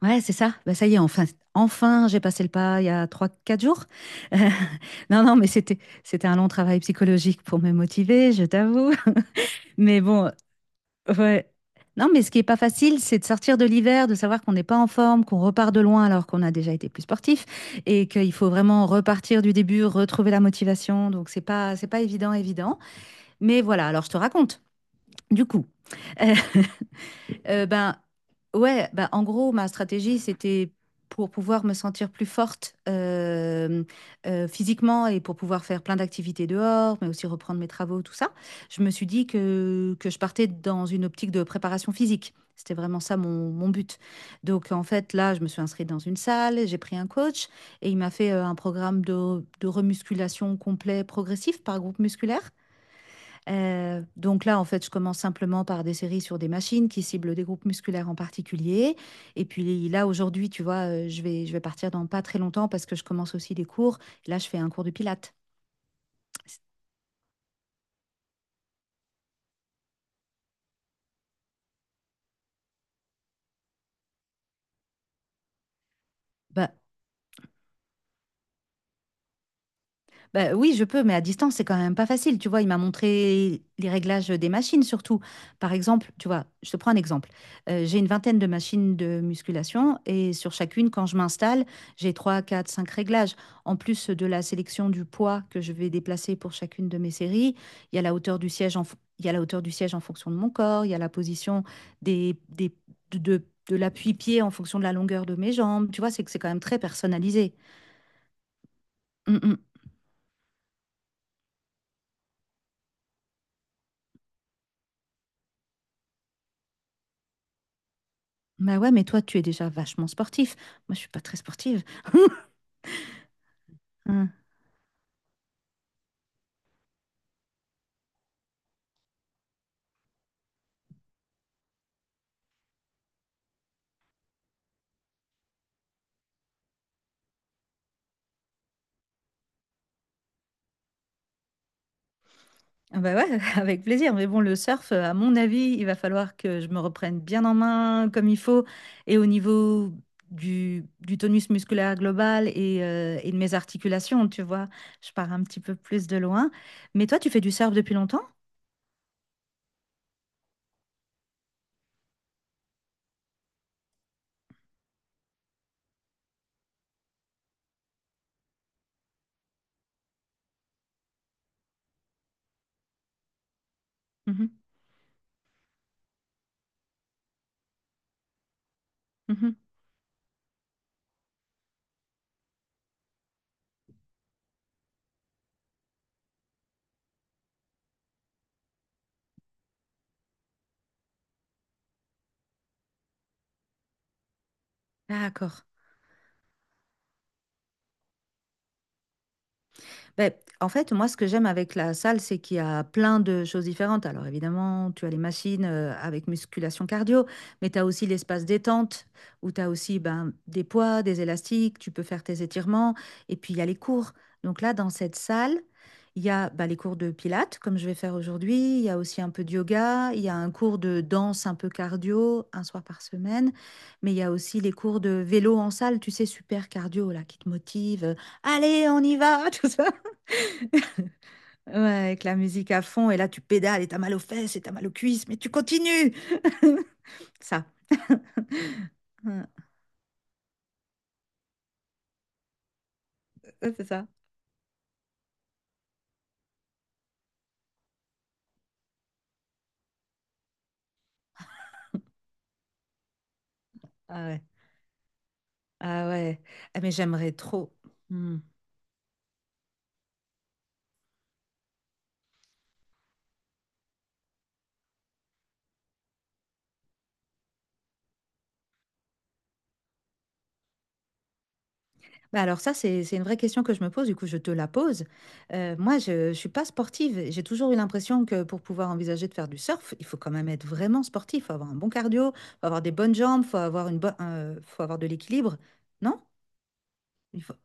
Ouais, c'est ça. Bah, ça y est, enfin, j'ai passé le pas il y a 3, 4 jours. Euh, non, non, mais c'était un long travail psychologique pour me motiver, je t'avoue. Mais bon, ouais. Non, mais ce qui est pas facile, c'est de sortir de l'hiver, de savoir qu'on n'est pas en forme, qu'on repart de loin alors qu'on a déjà été plus sportif et qu'il faut vraiment repartir du début, retrouver la motivation. Donc, c'est pas évident, évident. Mais voilà. Alors, je te raconte. Du coup, Euh, ben, ouais, en gros, ma stratégie, c'était pour pouvoir me sentir plus forte physiquement et pour pouvoir faire plein d'activités dehors, mais aussi reprendre mes travaux, tout ça. Je me suis dit que je partais dans une optique de préparation physique. C'était vraiment ça mon but. Donc, en fait, là, je me suis inscrite dans une salle, j'ai pris un coach et il m'a fait un programme de remusculation complet progressif par groupe musculaire. Donc là, en fait, je commence simplement par des séries sur des machines qui ciblent des groupes musculaires en particulier. Et puis là, aujourd'hui, tu vois, je vais partir dans pas très longtemps parce que je commence aussi des cours. Là, je fais un cours de pilates. Bah, Bah oui, je peux, mais à distance, c'est quand même pas facile. Tu vois, il m'a montré les réglages des machines surtout. Par exemple, tu vois, je te prends un exemple. J'ai une vingtaine de machines de musculation et sur chacune, quand je m'installe, j'ai 3, 4, 5 réglages. En plus de la sélection du poids que je vais déplacer pour chacune de mes séries, il y a la hauteur du siège il y a la hauteur du siège en fonction de mon corps, il y a la position des, des- de l'appui-pied en fonction de la longueur de mes jambes. Tu vois, c'est que c'est quand même très personnalisé. Mm, mm. Bah ouais, mais toi, tu es déjà vachement sportif. Moi, je suis pas très sportive. Hein. Ah bah ouais, avec plaisir. Mais bon, le surf, à mon avis, il va falloir que je me reprenne bien en main comme il faut. Et au niveau du tonus musculaire global et de mes articulations, tu vois, je pars un petit peu plus de loin. Mais toi, tu fais du surf depuis longtemps? Mhm, mhm. D'accord. Ben, en fait, moi, ce que j'aime avec la salle, c'est qu'il y a plein de choses différentes. Alors, évidemment, tu as les machines avec musculation cardio, mais tu as aussi l'espace détente où tu as aussi ben, des poids, des élastiques, tu peux faire tes étirements. Et puis, il y a les cours. Donc là, dans cette salle, il y a ben, les cours de pilates, comme je vais faire aujourd'hui. Il y a aussi un peu de yoga. Il y a un cours de danse un peu cardio, un soir par semaine. Mais il y a aussi les cours de vélo en salle, tu sais, super cardio, là, qui te motive. Allez, on y va, tout ça. Ouais, avec la musique à fond, et là tu pédales et t'as mal aux fesses et t'as mal aux cuisses, mais tu continues. Ça, ouais, ouais, c'est ça. Ah ouais. Ah ouais. Ah, mais j'aimerais trop. Hmm. Bah alors ça, c'est une vraie question que je me pose, du coup je te la pose. Moi, je ne suis pas sportive. J'ai toujours eu l'impression que pour pouvoir envisager de faire du surf, il faut quand même être vraiment sportif. Il faut avoir un bon cardio, il faut avoir des bonnes jambes, il faut avoir une faut avoir de l'équilibre. Non? Il faut...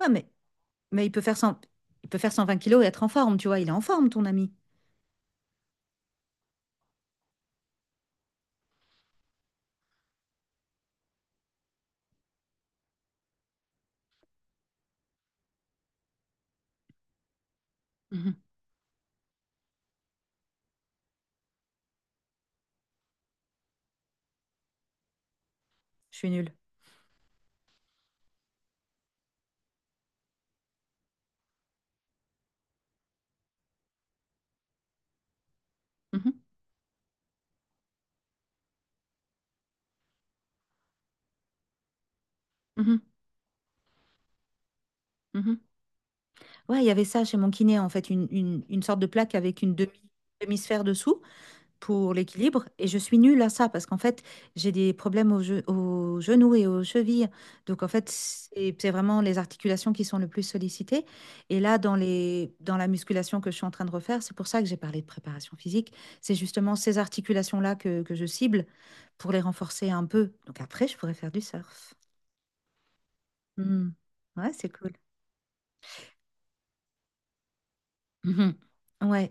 Ouais, mais il peut faire 120 kilos et être en forme, tu vois, il est en forme, ton ami. Mhm. Je suis nulle. Mhm. Mhm. Mhm. Ouais, il y avait ça chez mon kiné, en fait, une sorte de plaque avec une demi-sphère dessous pour l'équilibre. Et je suis nulle à ça parce qu'en fait, j'ai des problèmes au genou et aux chevilles. Donc, en fait, c'est vraiment les articulations qui sont le plus sollicitées. Et là, dans les, dans la musculation que je suis en train de refaire, c'est pour ça que j'ai parlé de préparation physique. C'est justement ces articulations-là que je cible pour les renforcer un peu. Donc, après, je pourrais faire du surf. Hmm. Ouais, c'est cool. Mhm. Ouais.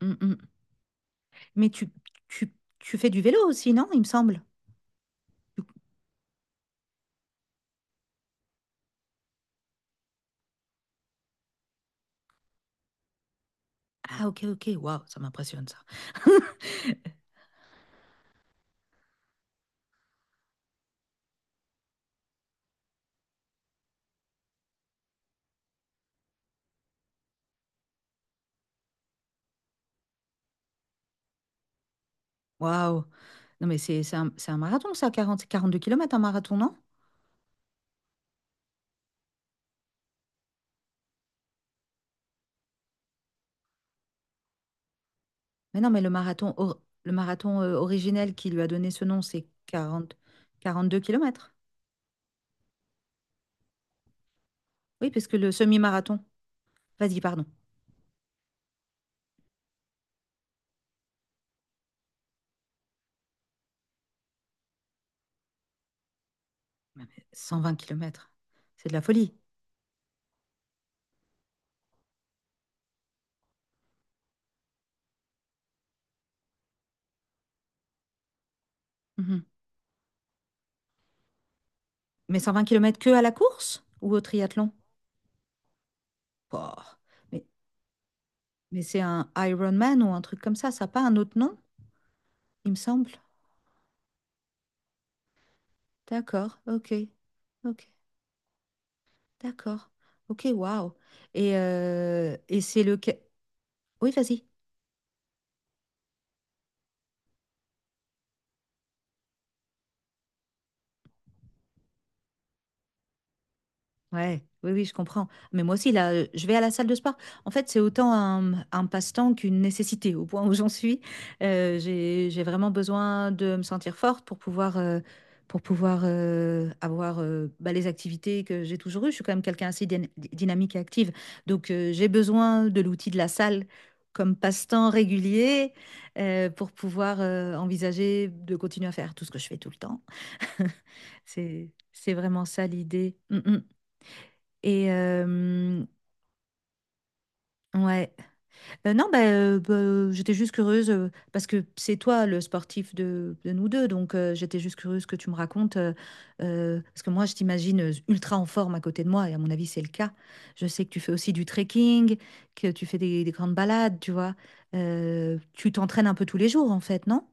Mm, mm. Mais tu, tu fais du vélo aussi, non? Il me semble. Du- Ah, ok, ok. Waouh, ça m'impressionne, ça. Waouh. Non, mais c'est un marathon, ça, 42 kilomètres un marathon, non? Mais non, mais le marathon, originel qui lui a donné ce nom, c'est 42 kilomètres. Oui, parce que le semi-marathon, vas-y, pardon, 120 kilomètres, c'est de la folie. Mhm. Mais 120 kilomètres que à la course ou au triathlon? Oh, mais Mais c'est un Iron Man ou un truc comme ça n'a pas un autre nom, il me semble. D'accord, ok, ok, d'accord, ok, waouh. Et c'est lequel... Oui, vas-y. Ouais, oui, oui, je comprends. Mais moi aussi, là, je vais à la salle de sport. En fait, c'est autant un passe-temps qu'une nécessité, au point où j'en suis. J'ai vraiment besoin de me sentir forte pour pouvoir avoir bah, les activités que j'ai toujours eues. Je suis quand même quelqu'un assez dynamique et active. Donc, j'ai besoin de l'outil de la salle comme passe-temps régulier pour pouvoir envisager de continuer à faire tout ce que je fais tout le temps. C'est vraiment ça l'idée. Mm, mm. Et ouais. Non, bah, j'étais juste curieuse parce que c'est toi le sportif de nous deux. Donc, j'étais juste curieuse que tu me racontes. Parce que moi, je t'imagine ultra en forme à côté de moi. Et à mon avis, c'est le cas. Je sais que tu fais aussi du trekking, que tu fais des grandes balades, tu vois. Tu t'entraînes un peu tous les jours, en fait, non?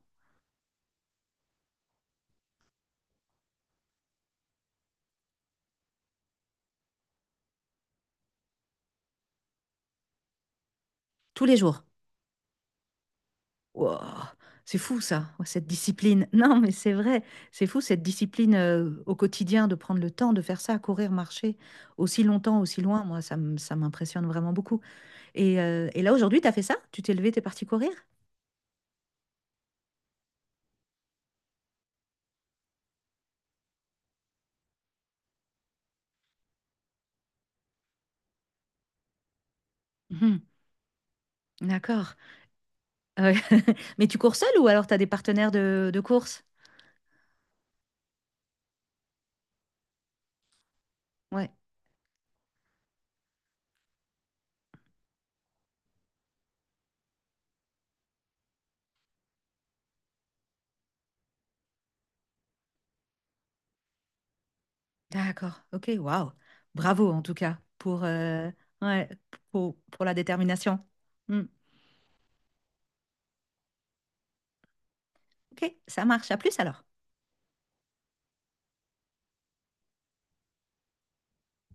Tous les jours. Wouah, c'est fou ça, ouais, cette discipline. Non, mais c'est vrai, c'est fou cette discipline au quotidien de prendre le temps de faire ça, courir, marcher aussi longtemps, aussi loin. Moi, ça m'impressionne vraiment beaucoup. Et là, aujourd'hui, tu as fait ça? Tu t'es levé, t'es parti courir? Mhm, d'accord. Euh, mais tu cours seul ou alors tu as des partenaires de course? Ouais, d'accord. Ok, waouh. Bravo en tout cas pour, ouais, pour la détermination. Hmm, ok, ça marche. À plus alors.